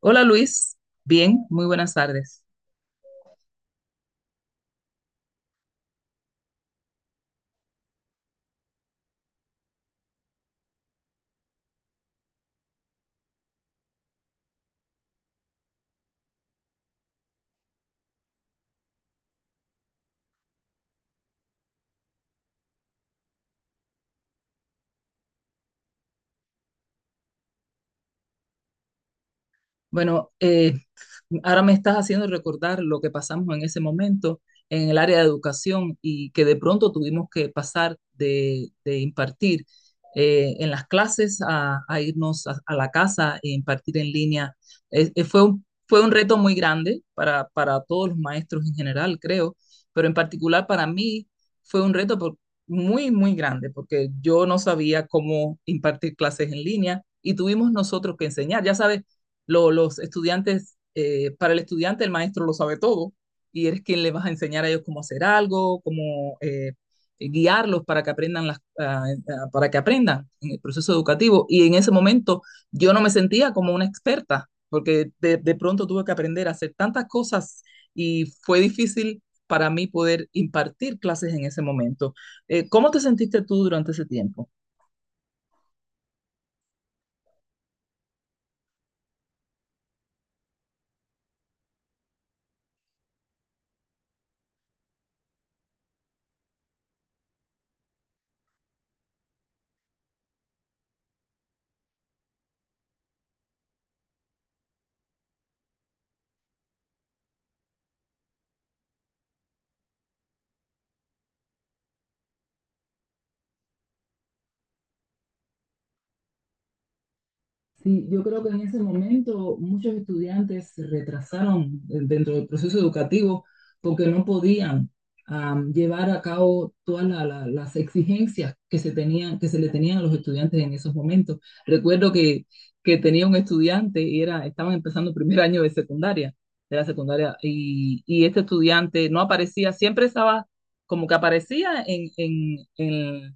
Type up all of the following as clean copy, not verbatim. Hola Luis, bien, muy buenas tardes. Bueno, ahora me estás haciendo recordar lo que pasamos en ese momento en el área de educación y que de pronto tuvimos que pasar de impartir en las clases a irnos a, la casa e impartir en línea. Fue un reto muy grande para todos los maestros en general, creo, pero en particular para mí fue un reto muy grande porque yo no sabía cómo impartir clases en línea y tuvimos nosotros que enseñar. Ya sabes, los estudiantes, para el estudiante el maestro lo sabe todo y eres quien le vas a enseñar a ellos cómo hacer algo, cómo guiarlos para que aprendan para que aprendan en el proceso educativo. Y en ese momento yo no me sentía como una experta, porque de pronto tuve que aprender a hacer tantas cosas y fue difícil para mí poder impartir clases en ese momento. ¿Cómo te sentiste tú durante ese tiempo? Sí, yo creo que en ese momento muchos estudiantes se retrasaron dentro del proceso educativo porque no podían llevar a cabo todas las exigencias que se tenían, que se le tenían a los estudiantes en esos momentos. Recuerdo que tenía un estudiante y era, estaban empezando el primer año de secundaria, de la secundaria, y este estudiante no aparecía, siempre estaba como que aparecía en,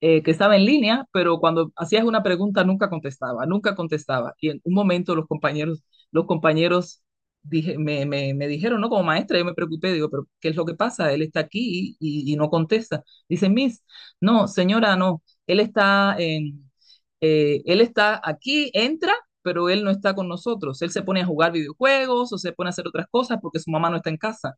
que estaba en línea, pero cuando hacías una pregunta nunca contestaba, nunca contestaba. Y en un momento los compañeros dije, me dijeron, ¿no? Como maestra, yo me preocupé, digo, pero ¿qué es lo que pasa? Él está aquí y no contesta. Dice, Miss, no, señora, no, él está aquí, entra pero él no está con nosotros. Él se pone a jugar videojuegos o se pone a hacer otras cosas porque su mamá no está en casa.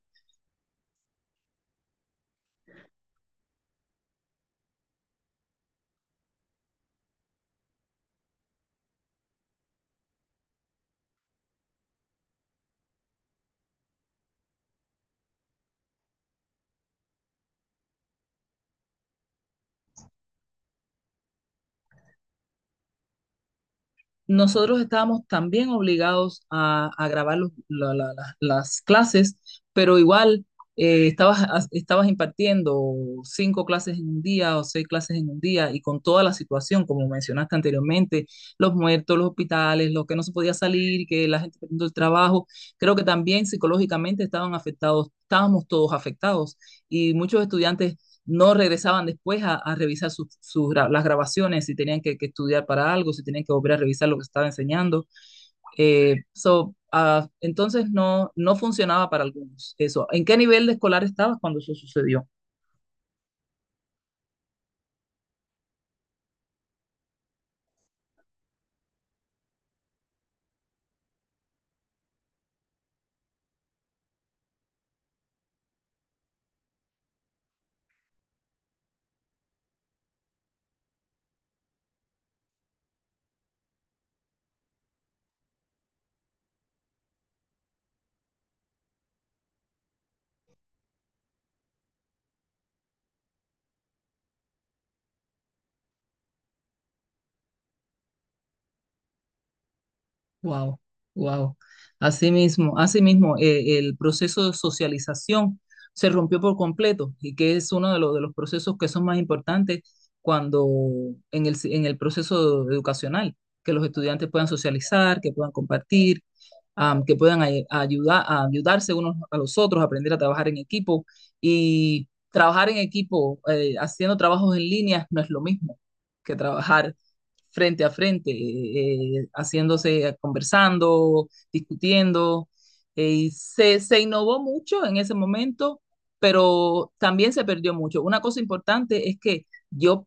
Nosotros estábamos también obligados a grabar las clases, pero igual estabas impartiendo cinco clases en un día o seis clases en un día y con toda la situación, como mencionaste anteriormente, los muertos, los hospitales, los que no se podía salir, que la gente perdiendo el trabajo, creo que también psicológicamente estaban afectados, estábamos todos afectados y muchos estudiantes no regresaban después a revisar las grabaciones, si tenían que estudiar para algo, si tenían que volver a revisar lo que estaba enseñando. Entonces no, no funcionaba para algunos eso. ¿En qué nivel de escolar estabas cuando eso sucedió? Wow, wow. Así mismo, el proceso de socialización se rompió por completo y que es uno de los procesos que son más importantes cuando en el proceso educacional, que los estudiantes puedan socializar, que puedan compartir, que puedan ayudar, a ayudarse unos a los otros, aprender a trabajar en equipo y trabajar en equipo, haciendo trabajos en línea no es lo mismo que trabajar frente a frente, haciéndose, conversando, discutiendo. Y se innovó mucho en ese momento, pero también se perdió mucho. Una cosa importante es que yo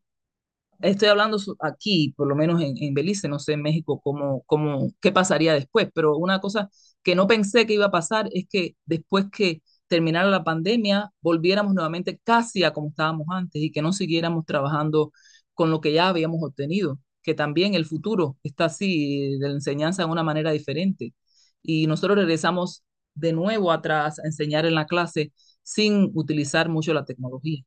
estoy hablando aquí, por lo menos en Belice, no sé en México cómo, cómo, qué pasaría después, pero una cosa que no pensé que iba a pasar es que después que terminara la pandemia, volviéramos nuevamente casi a como estábamos antes y que no siguiéramos trabajando con lo que ya habíamos obtenido, que también el futuro está así, de la enseñanza de una manera diferente. Y nosotros regresamos de nuevo atrás a enseñar en la clase sin utilizar mucho la tecnología.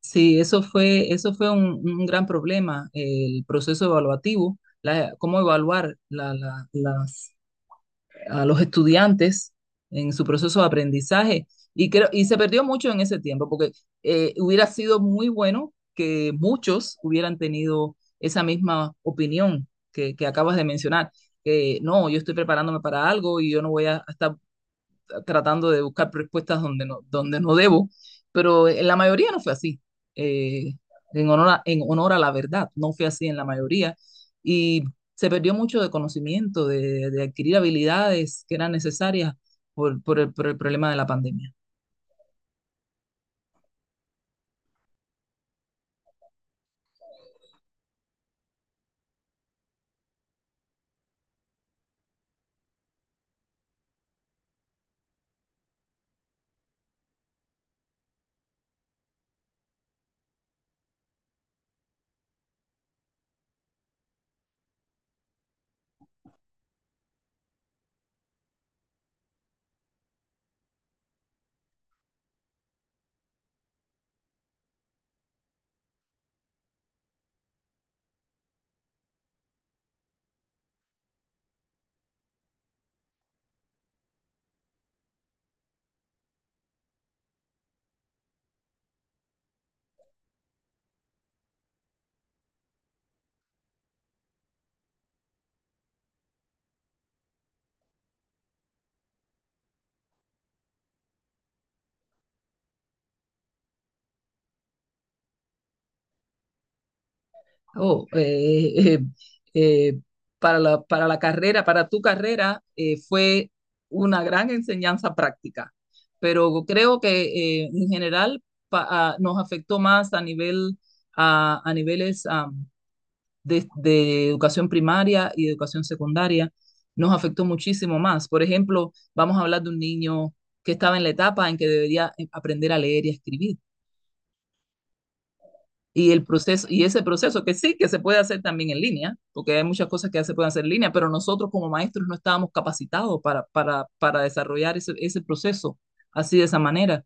Sí, eso fue un gran problema, el proceso evaluativo, cómo evaluar a los estudiantes en su proceso de aprendizaje. Y, creo, y se perdió mucho en ese tiempo, porque hubiera sido muy bueno que muchos hubieran tenido esa misma opinión que acabas de mencionar, que no, yo estoy preparándome para algo y yo no voy a estar tratando de buscar respuestas donde no debo, pero en la mayoría no fue así. Eh, Honor a, en honor a la verdad, no fue así en la mayoría. Y se perdió mucho de conocimiento, de adquirir habilidades que eran necesarias por el problema de la pandemia. Oh, eh, eh, para la carrera, para tu carrera, fue una gran enseñanza práctica, pero creo que en general nos afectó más a nivel, a niveles de educación primaria y educación secundaria, nos afectó muchísimo más. Por ejemplo, vamos a hablar de un niño que estaba en la etapa en que debería aprender a leer y a escribir y el proceso, y ese proceso que sí, que se puede hacer también en línea, porque hay muchas cosas que ya se pueden hacer en línea, pero nosotros como maestros no estábamos capacitados para desarrollar ese, ese proceso así de esa manera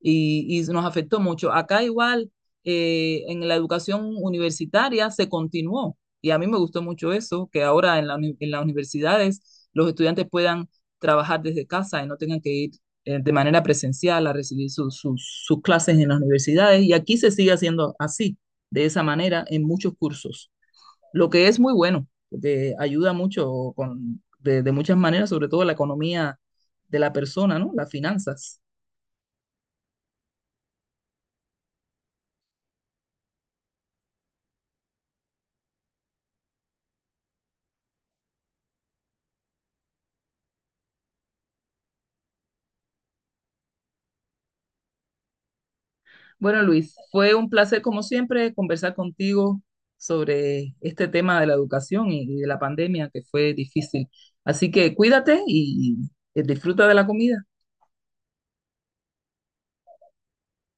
y nos afectó mucho. Acá igual, en la educación universitaria se continuó y a mí me gustó mucho eso, que ahora en las universidades los estudiantes puedan trabajar desde casa y no tengan que ir de manera presencial a recibir sus clases en las universidades. Y aquí se sigue haciendo así, de esa manera, en muchos cursos, lo que es muy bueno, porque ayuda mucho de muchas maneras, sobre todo la economía de la persona, ¿no? Las finanzas. Bueno, Luis, fue un placer, como siempre, conversar contigo sobre este tema de la educación y de la pandemia que fue difícil. Así que cuídate y disfruta de la comida.